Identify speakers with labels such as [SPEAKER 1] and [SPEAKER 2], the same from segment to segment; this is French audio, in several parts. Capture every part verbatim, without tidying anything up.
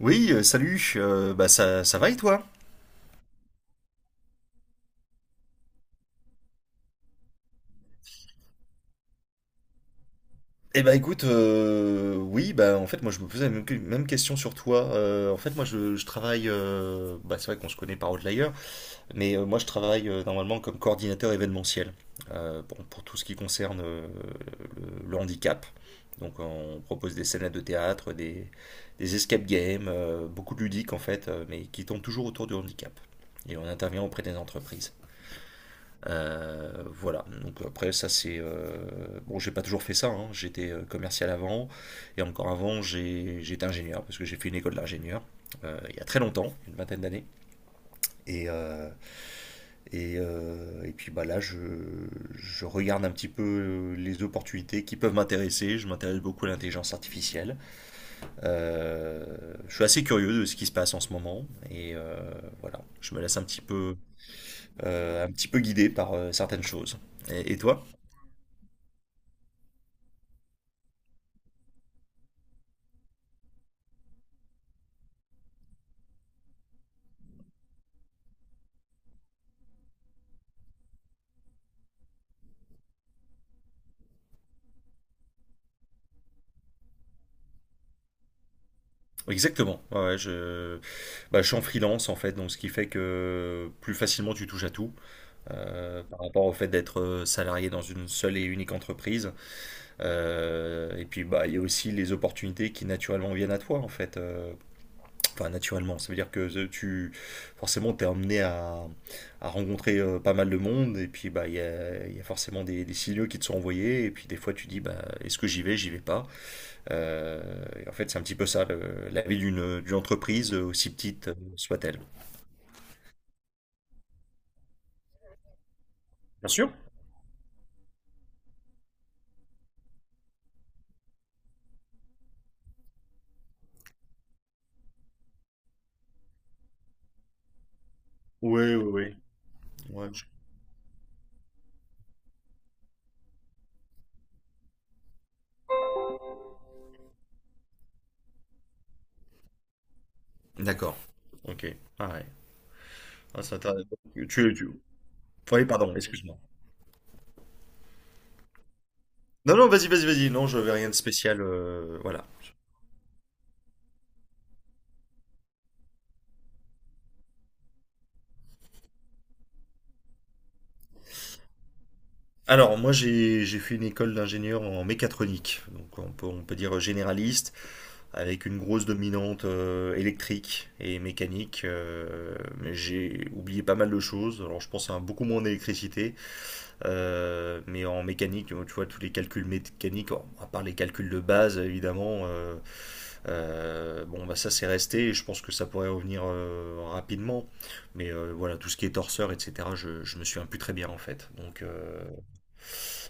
[SPEAKER 1] Oui, euh, salut, euh, bah ça, ça va et toi? Eh bah écoute, euh, oui, bah en fait moi je me posais la même, que- même question sur toi. Euh, en fait moi je, je travaille, euh, bah c'est vrai qu'on se connaît par Outlier, mais euh, moi je travaille euh, normalement comme coordinateur événementiel euh, pour, pour tout ce qui concerne euh, le, le handicap. Donc on propose des scènes de théâtre, des, des escape games, euh, beaucoup de ludiques en fait, euh, mais qui tournent toujours autour du handicap. Et on intervient auprès des entreprises. Euh, voilà, donc après ça c'est... euh, Bon, j'ai pas toujours fait ça, hein. J'étais euh, commercial avant, et encore avant j'ai- j'étais ingénieur, parce que j'ai fait une école d'ingénieur, euh, il y a très longtemps, une vingtaine d'années. Et, euh, et, euh, et puis bah là je, je regarde un petit peu euh, les opportunités qui peuvent m'intéresser, je m'intéresse beaucoup à l'intelligence artificielle. Euh, je suis assez curieux de ce qui se passe en ce moment, et euh, voilà, je me laisse un petit peu, euh, un petit peu guidé par euh, certaines choses. et et toi? Exactement. Ouais, ouais, je... bah, je suis en freelance en fait, donc ce qui fait que plus facilement tu touches à tout euh, par rapport au fait d'être euh, salarié dans une seule et unique entreprise. Euh, et puis bah il y a aussi les opportunités qui naturellement viennent à toi en fait. Euh, enfin naturellement, ça veut dire que euh, tu forcément t'es emmené à, à rencontrer euh, pas mal de monde et puis bah il y a, il y a forcément des, des signaux qui te sont envoyés et puis des fois tu dis bah est-ce que j'y vais, j'y vais pas. Euh, et en fait, c'est un petit peu ça, le- la vie d'une d'une entreprise, euh, aussi petite euh, soit-elle. Bien sûr. Oui, oui, Ouais. oui. Ouais. D'accord. Ok. Ah ouais. Ah, c'est intéressant. Tu, tu... Oui, pardon, excuse-moi. Non, non, vas-y, vas-y, vas-y. Non, je veux rien de spécial. Euh, voilà. Alors, moi, j'ai j'ai fait une école d'ingénieur en mécatronique. Donc, on peut, on peut dire généraliste, avec une grosse dominante euh, électrique et mécanique. euh, mais j'ai oublié pas mal de choses. Alors, je pense à beaucoup moins d'électricité. Euh, mais en mécanique, tu vois, tous les calculs mécaniques, à part les calculs de base, évidemment, euh, euh, bon, bah ça c'est resté, et je pense que ça pourrait revenir euh, rapidement. Mais euh, voilà, tout ce qui est torseur, et cetera, je, je me souviens plus très bien en fait. Donc, euh,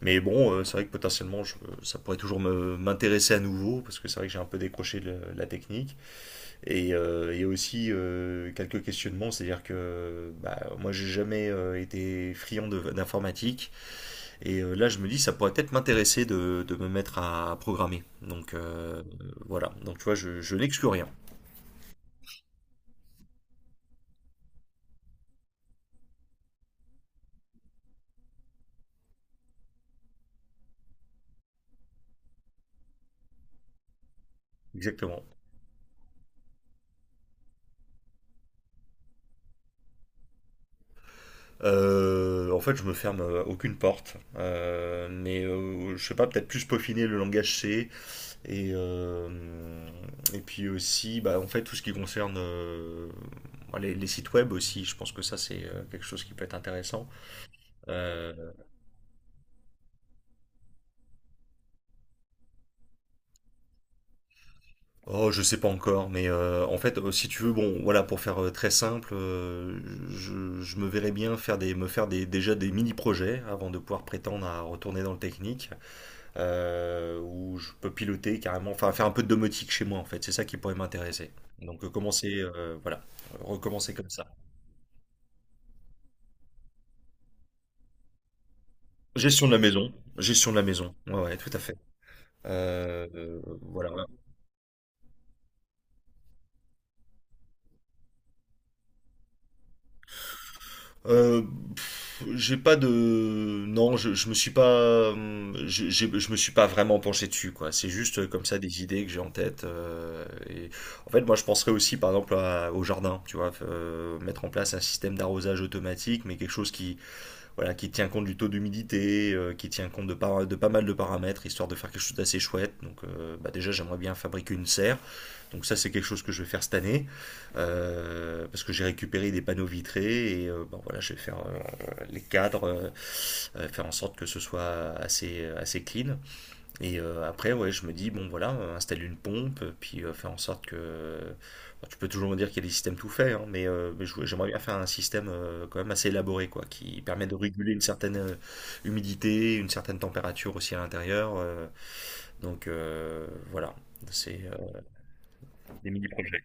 [SPEAKER 1] Mais bon, euh, c'est vrai que potentiellement, je- ça pourrait toujours me- m'intéresser à nouveau, parce que c'est vrai que j'ai un peu décroché de la technique. Et euh, il y a aussi euh, quelques questionnements, c'est-à-dire que bah, moi j'ai jamais euh, été friand de- d'informatique. Et euh, là, je me dis, ça pourrait peut-être m'intéresser de, de me mettre à, programmer. Donc euh, voilà, donc tu vois, je, je n'exclus rien. Exactement. Euh, en fait, je me ferme euh, aucune porte, Euh, mais euh, je sais pas, peut-être plus peaufiner le langage C et euh, et puis aussi, bah, en fait, tout ce qui concerne euh, les, les sites web aussi. Je pense que ça c'est euh, quelque chose qui peut être intéressant. Euh, Oh, je sais pas encore, mais euh, en fait, euh, si tu veux, bon, voilà, pour faire euh, très simple, euh, je, je me verrais bien faire des, me faire des, déjà des mini-projets avant de pouvoir prétendre à retourner dans le technique, euh, où je peux piloter carrément, enfin faire un peu de domotique chez moi, en fait, c'est ça qui pourrait m'intéresser. Donc euh, commencer, euh, voilà, recommencer comme ça. Gestion de la maison, gestion de la maison, ouais, ouais, tout à fait. Euh, euh, voilà, Euh, pff, j'ai pas de, non, je, je me suis pas, hum, je, j'ai- je me suis pas vraiment penché dessus, quoi. C'est juste euh, comme ça des idées que j'ai en tête. Euh, et en fait, moi, je penserais aussi, par exemple, à- au jardin, tu vois, euh, mettre en place un système d'arrosage automatique, mais quelque chose qui, voilà, qui tient compte du taux d'humidité, euh, qui tient compte de pas, de pas mal de paramètres, histoire de faire quelque chose d'assez chouette. Donc, euh, bah, déjà, j'aimerais bien fabriquer une serre. Donc ça, c'est quelque chose que je vais faire cette année, euh, parce que j'ai récupéré des panneaux vitrés, et euh, bon, voilà, je vais faire euh, les cadres, euh, euh, faire en sorte que ce soit assez, assez clean. Et euh, après, ouais, je me dis, bon, voilà, euh, installer une pompe, puis euh, faire en sorte que... Bon, tu peux toujours me dire qu'il y a des systèmes tout faits, hein, mais, euh, mais je- j'aimerais bien faire un système euh, quand même assez élaboré, quoi, qui permet de réguler une certaine euh, humidité, une certaine température aussi à l'intérieur. Euh, donc euh, voilà, c'est euh, des mini-projets.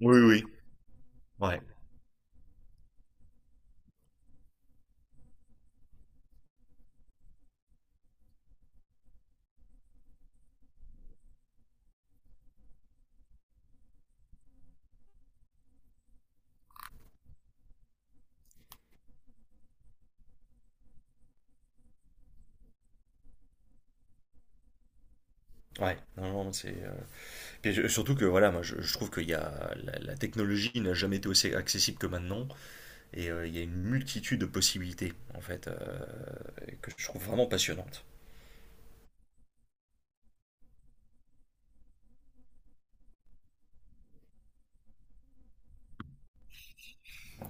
[SPEAKER 1] Oui, oui. Ouais, ouais, non, non, c'est. Euh, puis je- surtout que voilà, moi je, je trouve qu'il y a la, la technologie n'a jamais été aussi accessible que maintenant, et euh, il y a une multitude de possibilités en fait euh, que je trouve vraiment passionnante.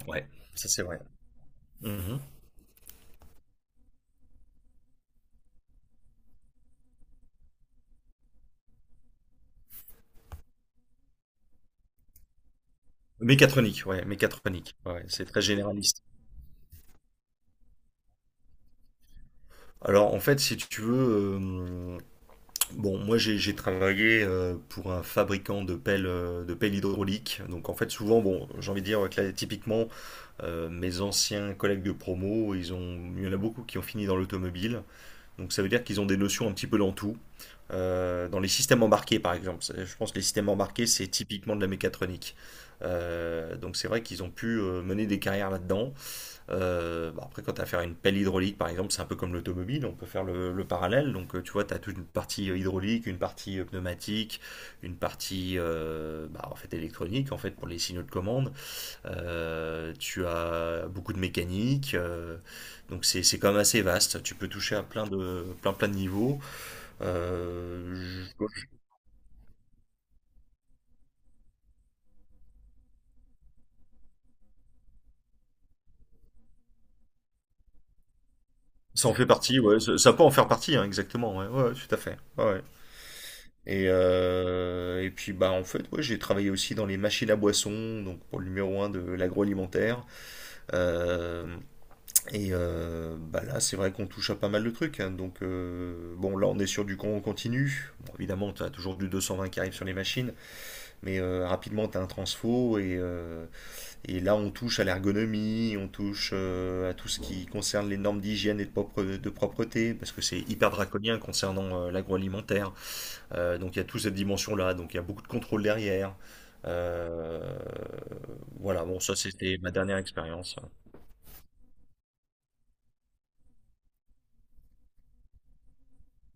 [SPEAKER 1] Ouais, ça c'est vrai. Mhm. Mécatronique, ouais, mécatronique, ouais, c'est très généraliste. Alors en fait, si tu veux, euh, bon, moi j'ai j'ai travaillé euh, pour un fabricant de pelles, euh, de pelles hydrauliques, donc en fait souvent, bon, j'ai envie de dire que typiquement Euh, mes anciens collègues de promo, ils ont, il y en a beaucoup qui ont fini dans l'automobile. Donc ça veut dire qu'ils ont des notions un petit peu dans tout. Euh, dans les systèmes embarqués, par exemple. C'est- Je pense que les systèmes embarqués, c'est typiquement de la mécatronique. Euh, donc c'est vrai qu'ils ont pu euh, mener des carrières là-dedans. Euh, bah, après, quand tu as à faire une pelle hydraulique, par exemple, c'est un peu comme l'automobile, on peut faire le, le parallèle. Donc euh, tu vois, tu as toute une partie euh, hydraulique, une partie euh, pneumatique, une partie euh, bah, en fait électronique, en fait pour les signaux de commande. Euh, tu as beaucoup de mécanique, euh, donc c'est c'est quand même assez vaste. Tu peux toucher à plein de plein plein de niveaux. Euh, je- Ça en fait partie, ouais. Ça, ça peut en faire partie, hein, exactement. Ouais, ouais, ouais, tout à fait. Ouais. ouais. Et euh, et puis bah en fait, ouais, j'ai travaillé aussi dans les machines à boissons, donc pour le numéro un de l'agroalimentaire. Euh, et euh, bah là, c'est vrai qu'on touche à pas mal de trucs. hein. Donc euh, bon, là, on est sur du con continu. Bon, évidemment, tu as toujours du deux cent vingt qui arrive sur les machines. Mais euh, rapidement, tu as un transfo et, euh, et là, on touche à l'ergonomie, on touche euh, à tout ce qui concerne les normes d'hygiène et de, propre- de propreté, parce que c'est hyper draconien concernant euh, l'agroalimentaire. Euh, donc il y a toute cette dimension-là, donc il y a beaucoup de contrôle derrière. Euh, voilà, bon, ça c'était ma dernière expérience.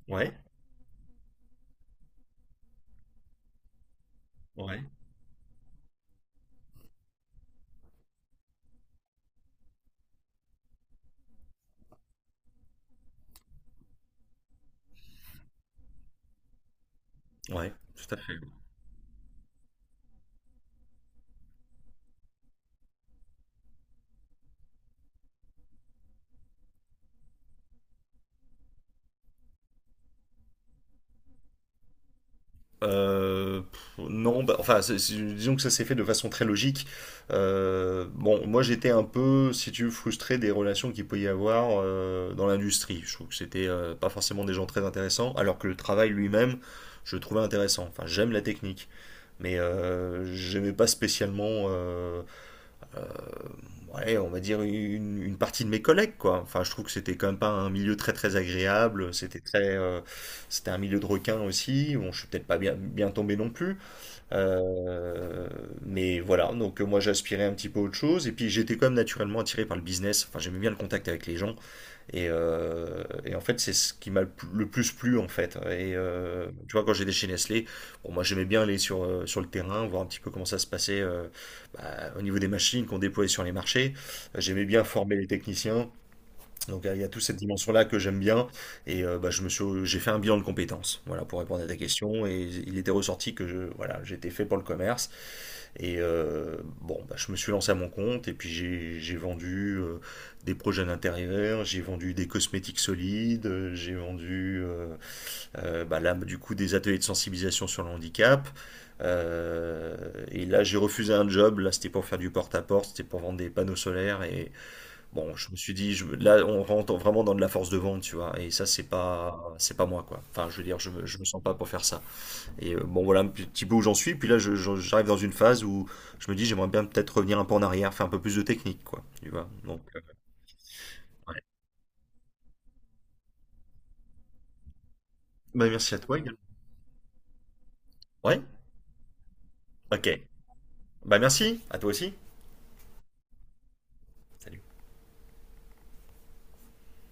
[SPEAKER 1] Ouais, ouais, ouais, tout à fait. Euh, non, bah, enfin, c'est- c'est- disons que ça s'est fait de façon très logique. Euh, bon, moi j'étais un peu, si tu veux, frustré des relations qu'il peut y avoir euh, dans l'industrie. Je trouve que c'était euh, pas forcément des gens très intéressants, alors que le travail lui-même, je le trouvais intéressant. Enfin, j'aime la technique, mais euh, j'aimais pas spécialement, euh, ouais, on va dire une, une partie de mes collègues, quoi. Enfin, je trouve que c'était quand même pas un milieu très très agréable. C'était très, euh, c'était un milieu de requins aussi. Bon, je suis peut-être pas bien, bien tombé non plus. Euh, mais voilà, donc euh, moi j'aspirais un petit peu à autre chose, et puis j'étais quand même naturellement attiré par le business, enfin j'aimais bien le contact avec les gens, et, euh, et en fait c'est ce qui m'a le pl- le plus plu en fait. Et euh, tu vois, quand j'étais chez Nestlé, bon, moi j'aimais bien aller sur, euh, sur le terrain, voir un petit peu comment ça se passait euh, bah, au niveau des machines qu'on déployait sur les marchés, j'aimais bien former les techniciens, donc euh, il y a toute cette dimension-là que j'aime bien et euh, bah, je me suis, j'ai fait un bilan de compétences, voilà, pour répondre à ta question et il était ressorti que je, voilà, j'étais fait pour le commerce et euh, bon, bah, je me suis lancé à mon compte et puis j'ai, j'ai vendu euh, des projets d'intérieur, j'ai vendu des cosmétiques solides, euh, j'ai vendu euh, euh, bah, là du coup des ateliers de sensibilisation sur le handicap. Euh, et là, j'ai refusé un job. Là, c'était pour faire du porte-à-porte, c'était pour vendre des panneaux solaires. Et, Bon, je me suis dit, je, là, on rentre vraiment dans de la force de vente, tu vois, et ça, c'est pas, c'est pas moi, quoi. Enfin, je veux dire, je me, je me sens pas pour faire ça. Et euh, bon, voilà un petit peu où j'en suis, puis là, je- je- j'arrive dans une phase où je me dis, j'aimerais bien peut-être revenir un peu en arrière, faire un peu plus de technique, quoi, tu vois. Donc, euh, ouais. Bah, merci à toi, également. Ouais? Ok. Bah, merci, à toi aussi. Salut.